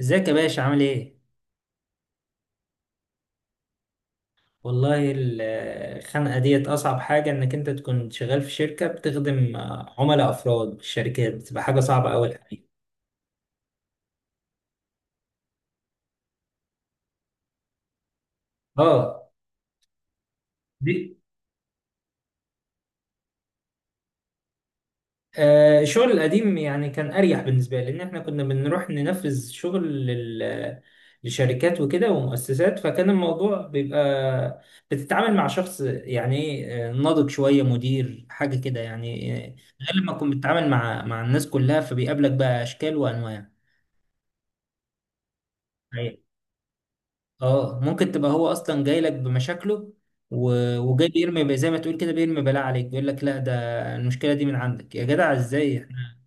ازيك يا باشا عامل ايه؟ والله الخنقة ديت أصعب حاجة إنك أنت تكون شغال في شركة بتخدم عملاء أفراد في الشركات بتبقى حاجة صعبة أوي الحقيقة. اه. دي الشغل القديم يعني كان أريح بالنسبة لي لأن إحنا كنا بنروح ننفذ شغل لشركات وكده ومؤسسات، فكان الموضوع بيبقى بتتعامل مع شخص يعني ايه، ناضج شوية، مدير حاجة كده يعني، غير لما تكون بتتعامل مع الناس كلها، فبيقابلك بقى أشكال وأنواع. اه، ممكن تبقى هو اصلا جاي لك بمشاكله وجاي بيرمي زي ما تقول كده، بيرمي بلاء عليك، بيقول لك لا ده المشكله دي من عندك يا جدع، ازاي احنا.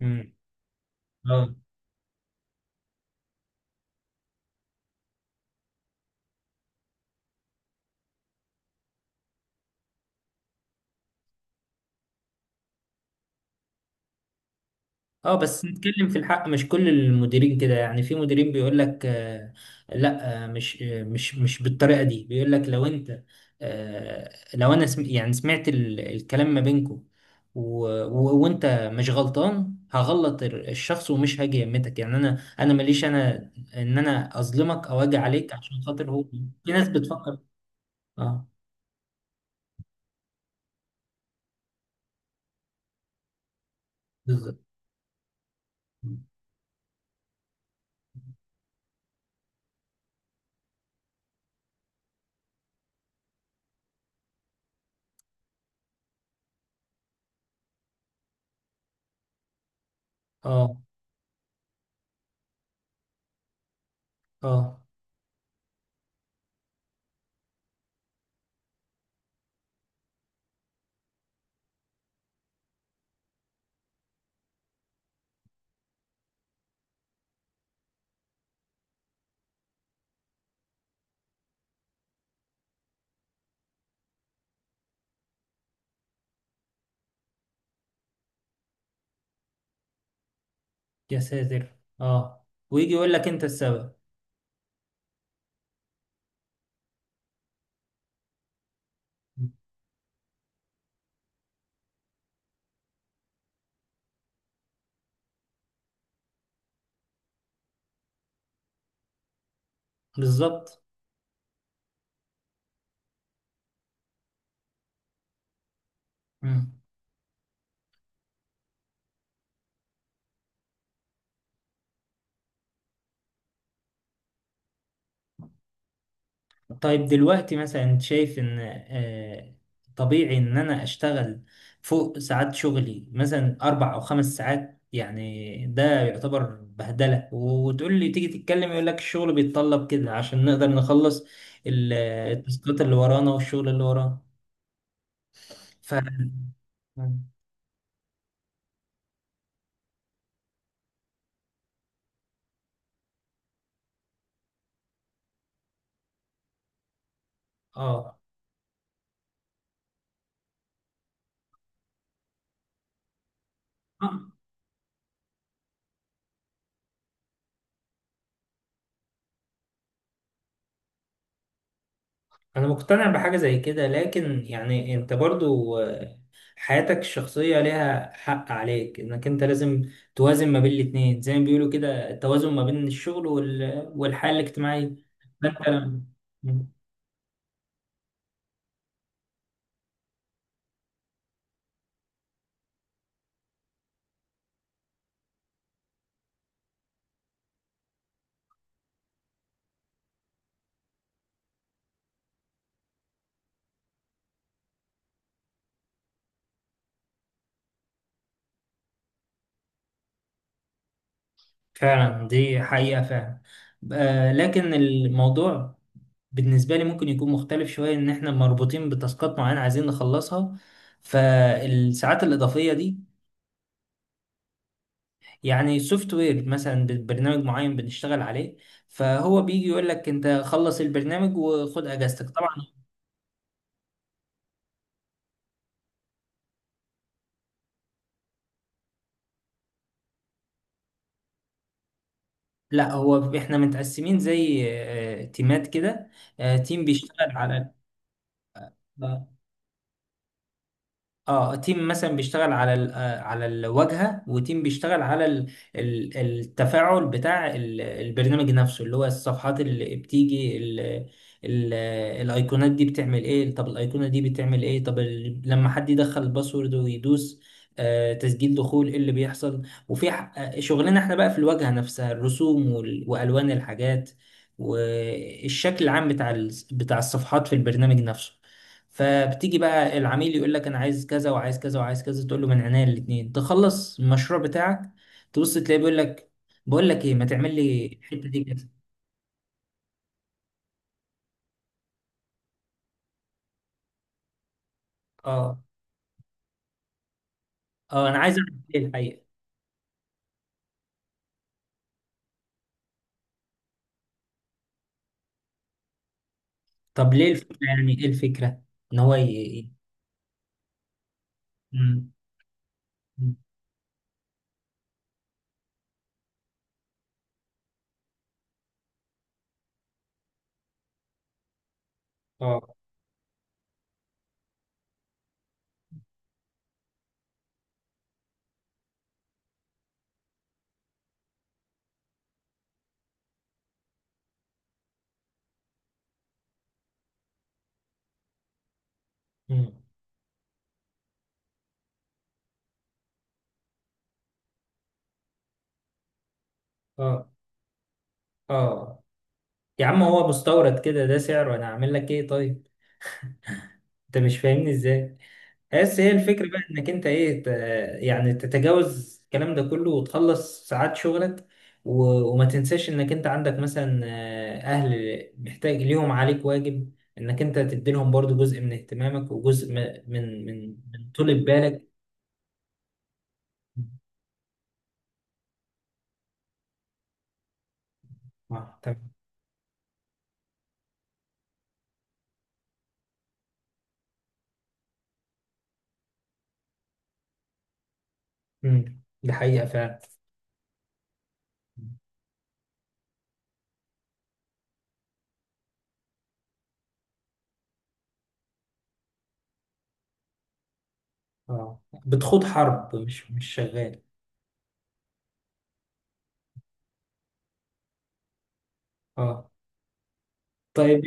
مم. اه. اه، بس نتكلم في الحق، مش كل المديرين كده يعني. في مديرين بيقول لك آه، لا، مش، مش بالطريقه دي. بيقول لك لو انت، آه لو انا يعني سمعت الكلام ما بينكم، وانت مش غلطان، هغلط الشخص ومش هاجي يمتك، يعني انا ماليش، انا اظلمك او اجي عليك عشان خاطر هو. في ناس بتفكر. اه. بالظبط. اه. اه. يا ساتر، اه، ويجي يقول لك انت السبب. بالظبط. طيب، دلوقتي مثلا انت شايف ان آه، طبيعي ان انا اشتغل فوق ساعات شغلي مثلا 4 او 5 ساعات؟ يعني ده يعتبر بهدلة، وتقول لي تيجي تتكلم يقول لك الشغل بيتطلب كده عشان نقدر نخلص ال- التاسكات اللي ورانا والشغل اللي ورانا. ف اه. آه، انا مقتنع بحاجة زي كده، لكن يعني انت برضو حياتك الشخصية ليها حق عليك، انك انت لازم توازن ما بين الاتنين، زي ما بيقولوا كده، التوازن ما بين الشغل والحياة الاجتماعية. فانت لما- فعلا، دي حقيقة فعلا. لكن الموضوع بالنسبة لي ممكن يكون مختلف شوية، إن إحنا مربوطين بتاسكات معينة عايزين نخلصها، فالساعات الإضافية دي. يعني سوفت وير، مثلا برنامج معين بنشتغل عليه، فهو بيجي يقول لك أنت خلص البرنامج وخد أجازتك طبعا. لا، هو احنا متقسمين زي تيمات كده. تيم بيشتغل على، آه، اه، تيم مثلا بيشتغل على الواجهه، وتيم بيشتغل على التفاعل بتاع البرنامج نفسه، اللي هو الصفحات اللي بتيجي ال- الايقونات دي بتعمل ايه. طب الايقونه دي بتعمل ايه. طب لما حد يدخل الباسورد ويدوس تسجيل دخول، ايه اللي بيحصل. وفي شغلنا احنا بقى في الواجهه نفسها، الرسوم والوان الحاجات والشكل العام بتاع الصفحات في البرنامج نفسه. فبتيجي بقى العميل يقول لك انا عايز كذا وعايز كذا وعايز كذا، تقول له من عينيا الاثنين، تخلص المشروع بتاعك. تبص تلاقيه بيقول لك، بقول لك ايه، ما تعمل لي الحته دي كده. اه. اه، انا عايز اعمل ايه الحقيقه. طب ليه الفكره، يعني ايه الفكره. ان هو ايه. اه. مم. اه. اه. يا عم هو مستورد كده، ده سعره، انا اعمل لك ايه طيب. انت مش فاهمني ازاي، بس هي الفكرة بقى انك انت ايه، يعني تتجاوز الكلام ده كله وتخلص ساعات شغلك، و... وما تنساش انك انت عندك مثلا، اهل محتاج ليهم، عليك واجب انك انت تديلهم برضو جزء من اهتمامك وجزء من طول بالك. اه، تمام. مم. دي حقيقة فعلا. اه، بتخوض حرب، مش شغال. اه. طيب.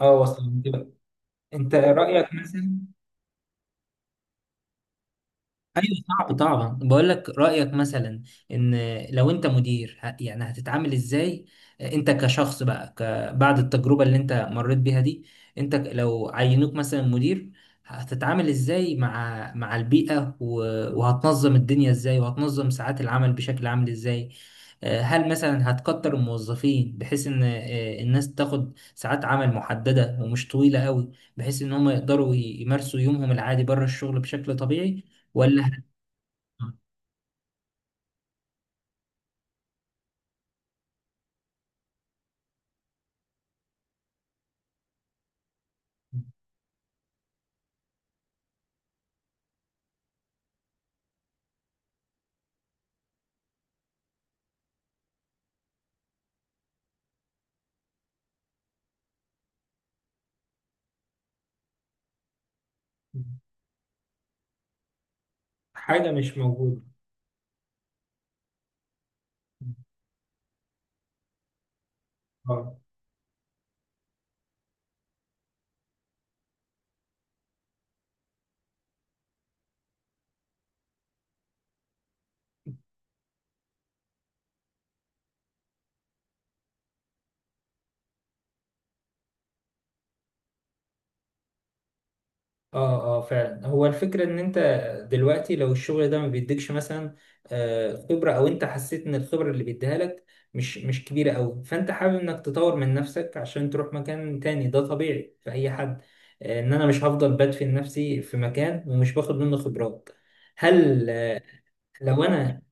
اه، وصل دي بقى. انت رأيك مثلا. ايوه صعب طبعا، بقول لك رايك مثلا، ان لو انت مدير يعني هتتعامل ازاي؟ انت كشخص بقى، بعد التجربه اللي انت مريت بيها دي، انت، لو عينوك مثلا مدير، هتتعامل ازاي مع البيئه، وهتنظم الدنيا ازاي، وهتنظم ساعات العمل بشكل عامل ازاي؟ هل مثلا هتكتر الموظفين بحيث ان، الناس تاخد ساعات عمل محدده ومش طويله قوي، بحيث ان هم يقدروا يمارسوا يومهم العادي بره الشغل بشكل طبيعي؟ حاجة مش موجودة. اه. اه. اه، فعلا، هو الفكرة ان انت دلوقتي لو الشغل ده ما بيديكش مثلا خبرة، او انت حسيت ان الخبرة اللي بيديها لك مش كبيرة قوي، فانت حابب انك تطور من نفسك عشان تروح مكان تاني، ده طبيعي في اي حد. ان انا مش هفضل بدفن نفسي في مكان ومش باخد منه خبرات. هل لو انا،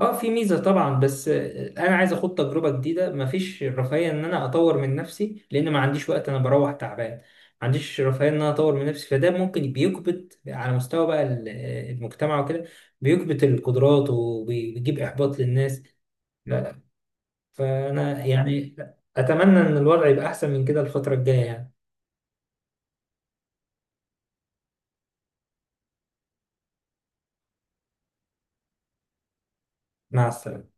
اه، في ميزة طبعا، بس انا عايز اخد تجربة جديدة. مفيش رفاهية ان انا اطور من نفسي لان ما عنديش وقت، انا بروح تعبان، ما عنديش رفاهية ان انا اطور من نفسي، فده ممكن بيكبت على مستوى بقى المجتمع وكده، بيكبت القدرات وبيجيب احباط للناس. لا. لا. فانا يعني اتمنى ان الوضع يبقى احسن من كده الفترة الجاية يعني. مع السلامة.